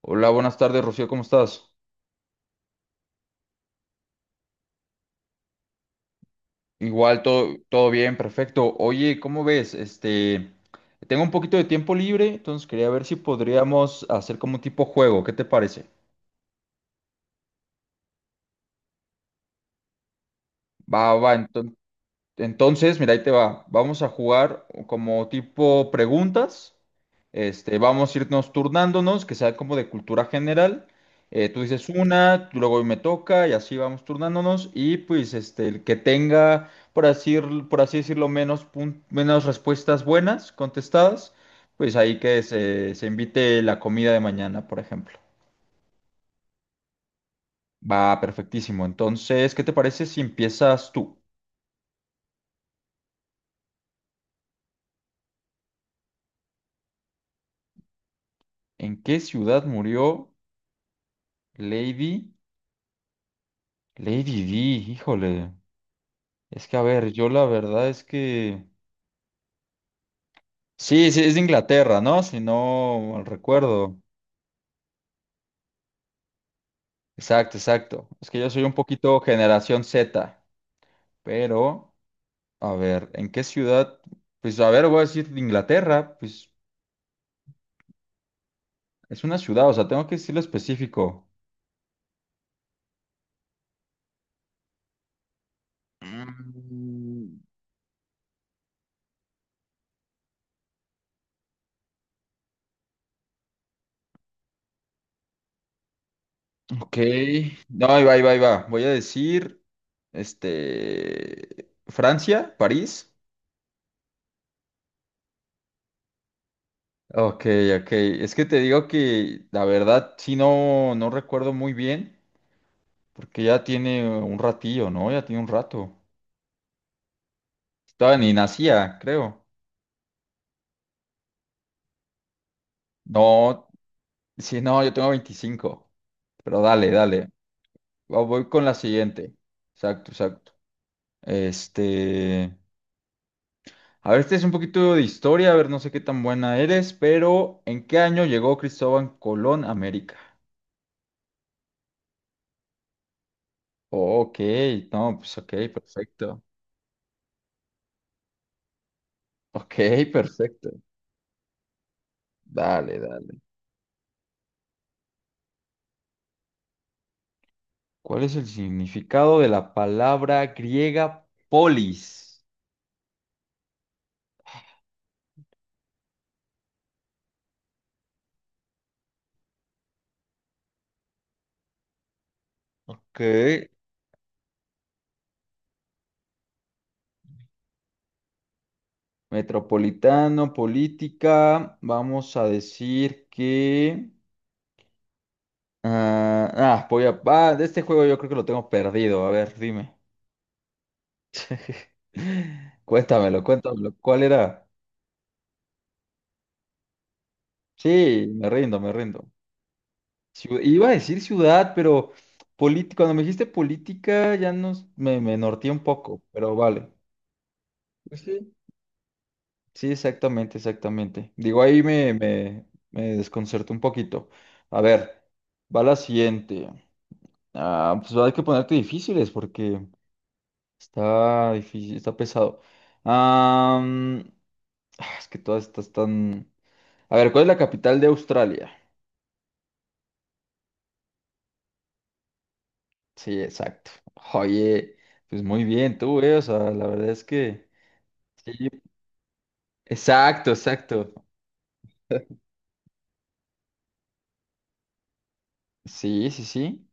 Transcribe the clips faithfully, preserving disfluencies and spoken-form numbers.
Hola, buenas tardes, Rocío, ¿cómo estás? Igual, todo, todo bien, perfecto. Oye, ¿cómo ves? Este, tengo un poquito de tiempo libre, entonces quería ver si podríamos hacer como un tipo juego, ¿qué te parece? Va, va, entonces. Entonces, mira, ahí te va. Vamos a jugar como tipo preguntas. Este, vamos a irnos turnándonos, que sea como de cultura general. Eh, tú dices una, tú- luego me toca y así vamos turnándonos. Y pues este, el que tenga, por así, por así decirlo, menos, pun- menos respuestas buenas contestadas, pues ahí que se, se invite la comida de mañana, por ejemplo. Va, perfectísimo. Entonces, ¿qué te parece si empiezas tú? ¿En qué ciudad murió Lady? Lady D, híjole. Es que, a ver, yo la verdad es que... Sí, sí, es de Inglaterra, ¿no? Si no mal recuerdo. Exacto, exacto. Es que yo soy un poquito generación Z, pero, a ver, ¿en qué ciudad? Pues, a ver, voy a decir de Inglaterra, pues es una ciudad, o sea, tengo que decirlo específico. Mm. Ok. No, ahí va, ahí va, ahí va. Voy a decir, este, Francia, París. Ok, ok. Es que te digo que la verdad sí no, no recuerdo muy bien, porque ya tiene un ratillo, ¿no? Ya tiene un rato. Estaba ni nacía, creo. No, sí, no, yo tengo veinticinco. Pero dale, dale. Vo- Voy con la siguiente. Exacto, exacto. Este. A ver, este es un poquito de historia, a ver, no sé qué tan buena eres, pero ¿en qué año llegó Cristóbal Colón a América? Ok, no, pues ok, perfecto. Ok, perfecto. Dale, dale. ¿Cuál es el significado de la palabra griega polis? Ok. Metropolitano, política. Vamos a decir que... Ah, ah, voy a... ah, de este juego yo creo que lo tengo perdido. A ver, dime. Cuéntamelo, cuéntamelo. ¿Cuál era? Sí, me rindo, me rindo. Ciu- Iba a decir ciudad, pero política, cuando me dijiste política ya nos, me, me norteé un poco, pero vale. Pues sí. Sí, exactamente, exactamente. Digo, ahí me, me, me desconcertó un poquito. A ver, va la siguiente. Ah, pues va a haber que ponerte difíciles porque está difícil, está pesado. Am, ah, es que todas estas están... A ver, ¿cuál es la capital de Australia? Sí, exacto. Oye, pues muy bien tú, eh. O sea, la verdad es que... Sí, exacto, exacto. Sí, sí, sí.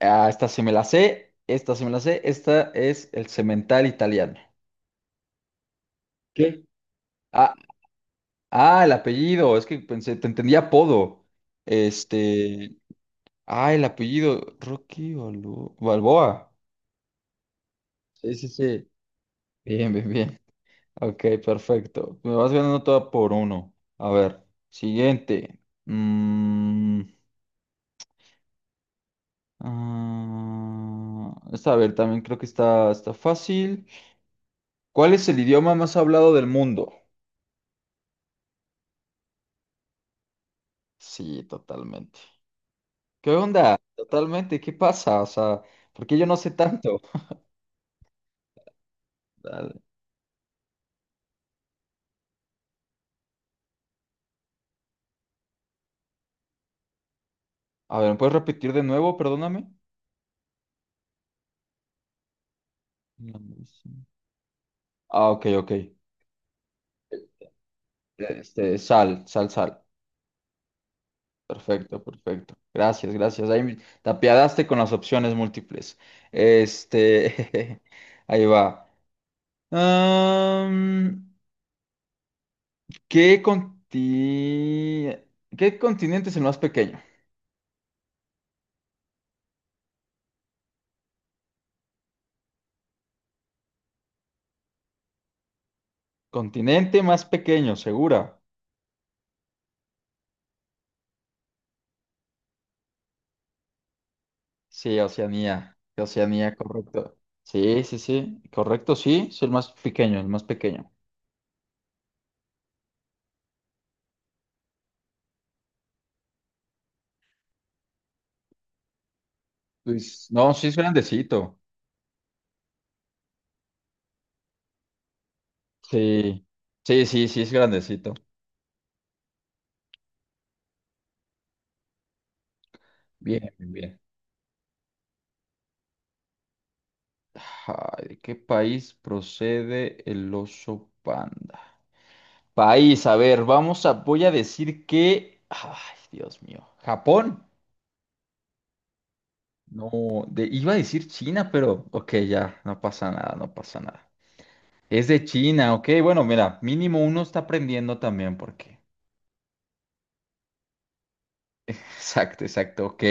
Ah, esta sí me la sé, esta sí me la sé, esta es el cemental italiano. ¿Qué? Ah, ah, el apellido, es que pensé, te entendía apodo. Este, ah, el apellido, Rocky Balbo- Balboa. Sí, sí, sí. Bien, bien, bien. Ok, perfecto. Me vas ganando toda por uno. A ver, siguiente. Mm, ah, esta, a ver, también creo que está, está fácil. ¿Cuál es el idioma más hablado del mundo? Sí, totalmente. ¿Qué onda? Totalmente, ¿qué pasa? O sea, ¿por qué yo no sé tanto? Dale. A ver, ¿me puedes repetir de nuevo? Perdóname. No, no sé. Ah, ok, ok. Este, sal, sal, sal. Perfecto, perfecto. Gracias, gracias. Ahí me- te apiadaste con las opciones múltiples. Este, ahí va. Am, ¿qué conti- ¿Qué continente es el más pequeño? Continente más pequeño, segura. Sí, Oceanía. Oceanía, correcto. Sí, sí, sí. Correcto, sí. Es el más pequeño, el más pequeño. Luis. No, sí es grandecito. Sí. Sí, sí, sí es grandecito. Bien, bien, bien. Ay, ¿de qué país procede el oso panda? País, a ver, vamos a, voy a decir que, ay, Dios mío, Japón. No, de- iba a decir China, pero, ok, ya, no pasa nada, no pasa nada. Es de China, ok. Bueno, mira, mínimo uno está aprendiendo también porque. Exacto, exacto, ok.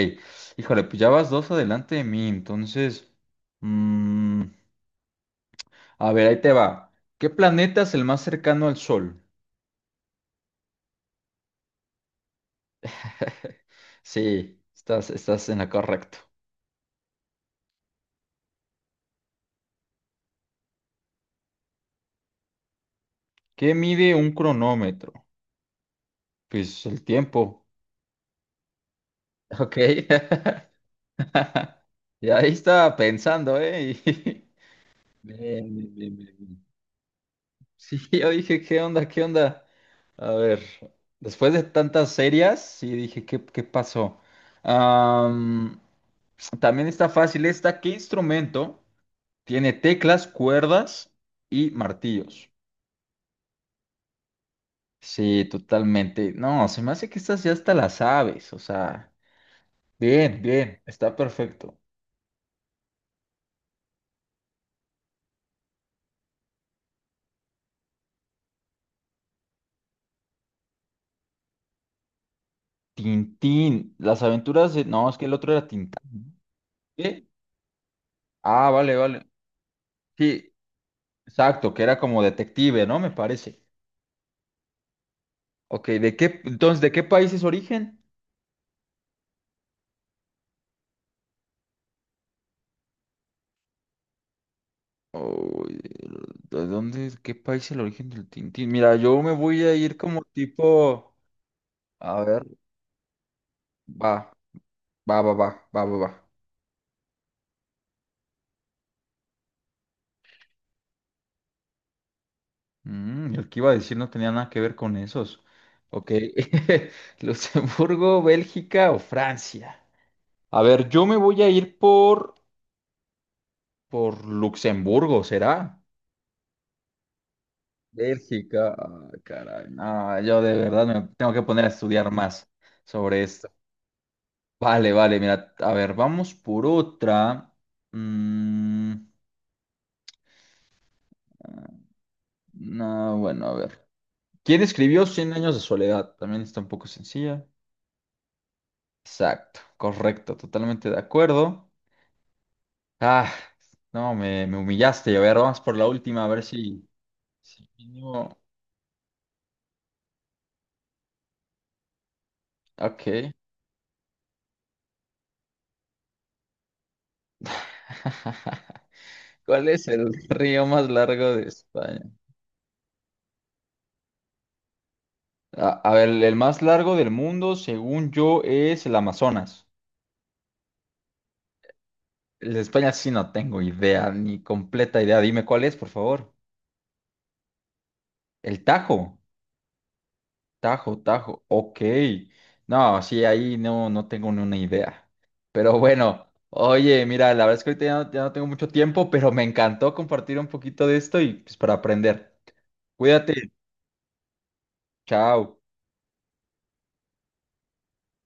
Híjole, pues ya vas dos adelante de mí, entonces... mm, a ver, ahí te va. ¿Qué planeta es el más cercano al Sol? Sí, estás, estás en la correcto. ¿Qué mide un cronómetro? Pues el tiempo. Ok. Y ahí estaba pensando, ¿eh? Bien, bien, bien, bien, bien. Sí, yo dije, ¿qué onda? ¿Qué onda? A ver, después de tantas series, sí dije, ¿qué, ¿qué pasó? Am, también está fácil esta. ¿Qué instrumento tiene teclas, cuerdas y martillos? Sí, totalmente. No, se me hace que estas ya hasta las sabes. O sea, bien, bien, está perfecto. Tintín, las aventuras de... No, es que el otro era Tintán. ¿No? ¿Qué? Ah, vale, vale. Sí, exacto, que era como detective, ¿no? Me parece. Ok, ¿de qué, entonces, ¿de qué país es origen? Uy, ¿de dónde, ¿qué país es el origen del Tintín? Mira, yo me voy a ir como tipo, a ver, va, va, va, va, va, va, va. Mm, el que iba a decir no tenía nada que ver con esos. Ok, Luxemburgo, Bélgica o Francia. A ver, yo me voy a ir por, por Luxemburgo, ¿será? Bélgica, ah, caray, no, yo de verdad me tengo que poner a estudiar más sobre esto. Vale, vale, mira, a ver, vamos por otra. Mm, no, bueno, a ver. ¿Quién escribió Cien años de soledad? También está un poco sencilla. Exacto, correcto, totalmente de acuerdo. Ah, no, me, me humillaste. A ver, vamos por la última, a ver si... si mínimo- Ok. ¿Cuál es el río más largo de España? A, a ver, el más largo del mundo, según yo, es el Amazonas. El de España sí no tengo idea, ni completa idea. Dime cuál es, por favor. El Tajo. Tajo, Tajo. Ok. No, sí, ahí no, no tengo ni una idea. Pero bueno, oye, mira, la verdad es que ahorita ya no, ya no tengo mucho tiempo, pero me encantó compartir un poquito de esto y pues para aprender. Cuídate. Chao.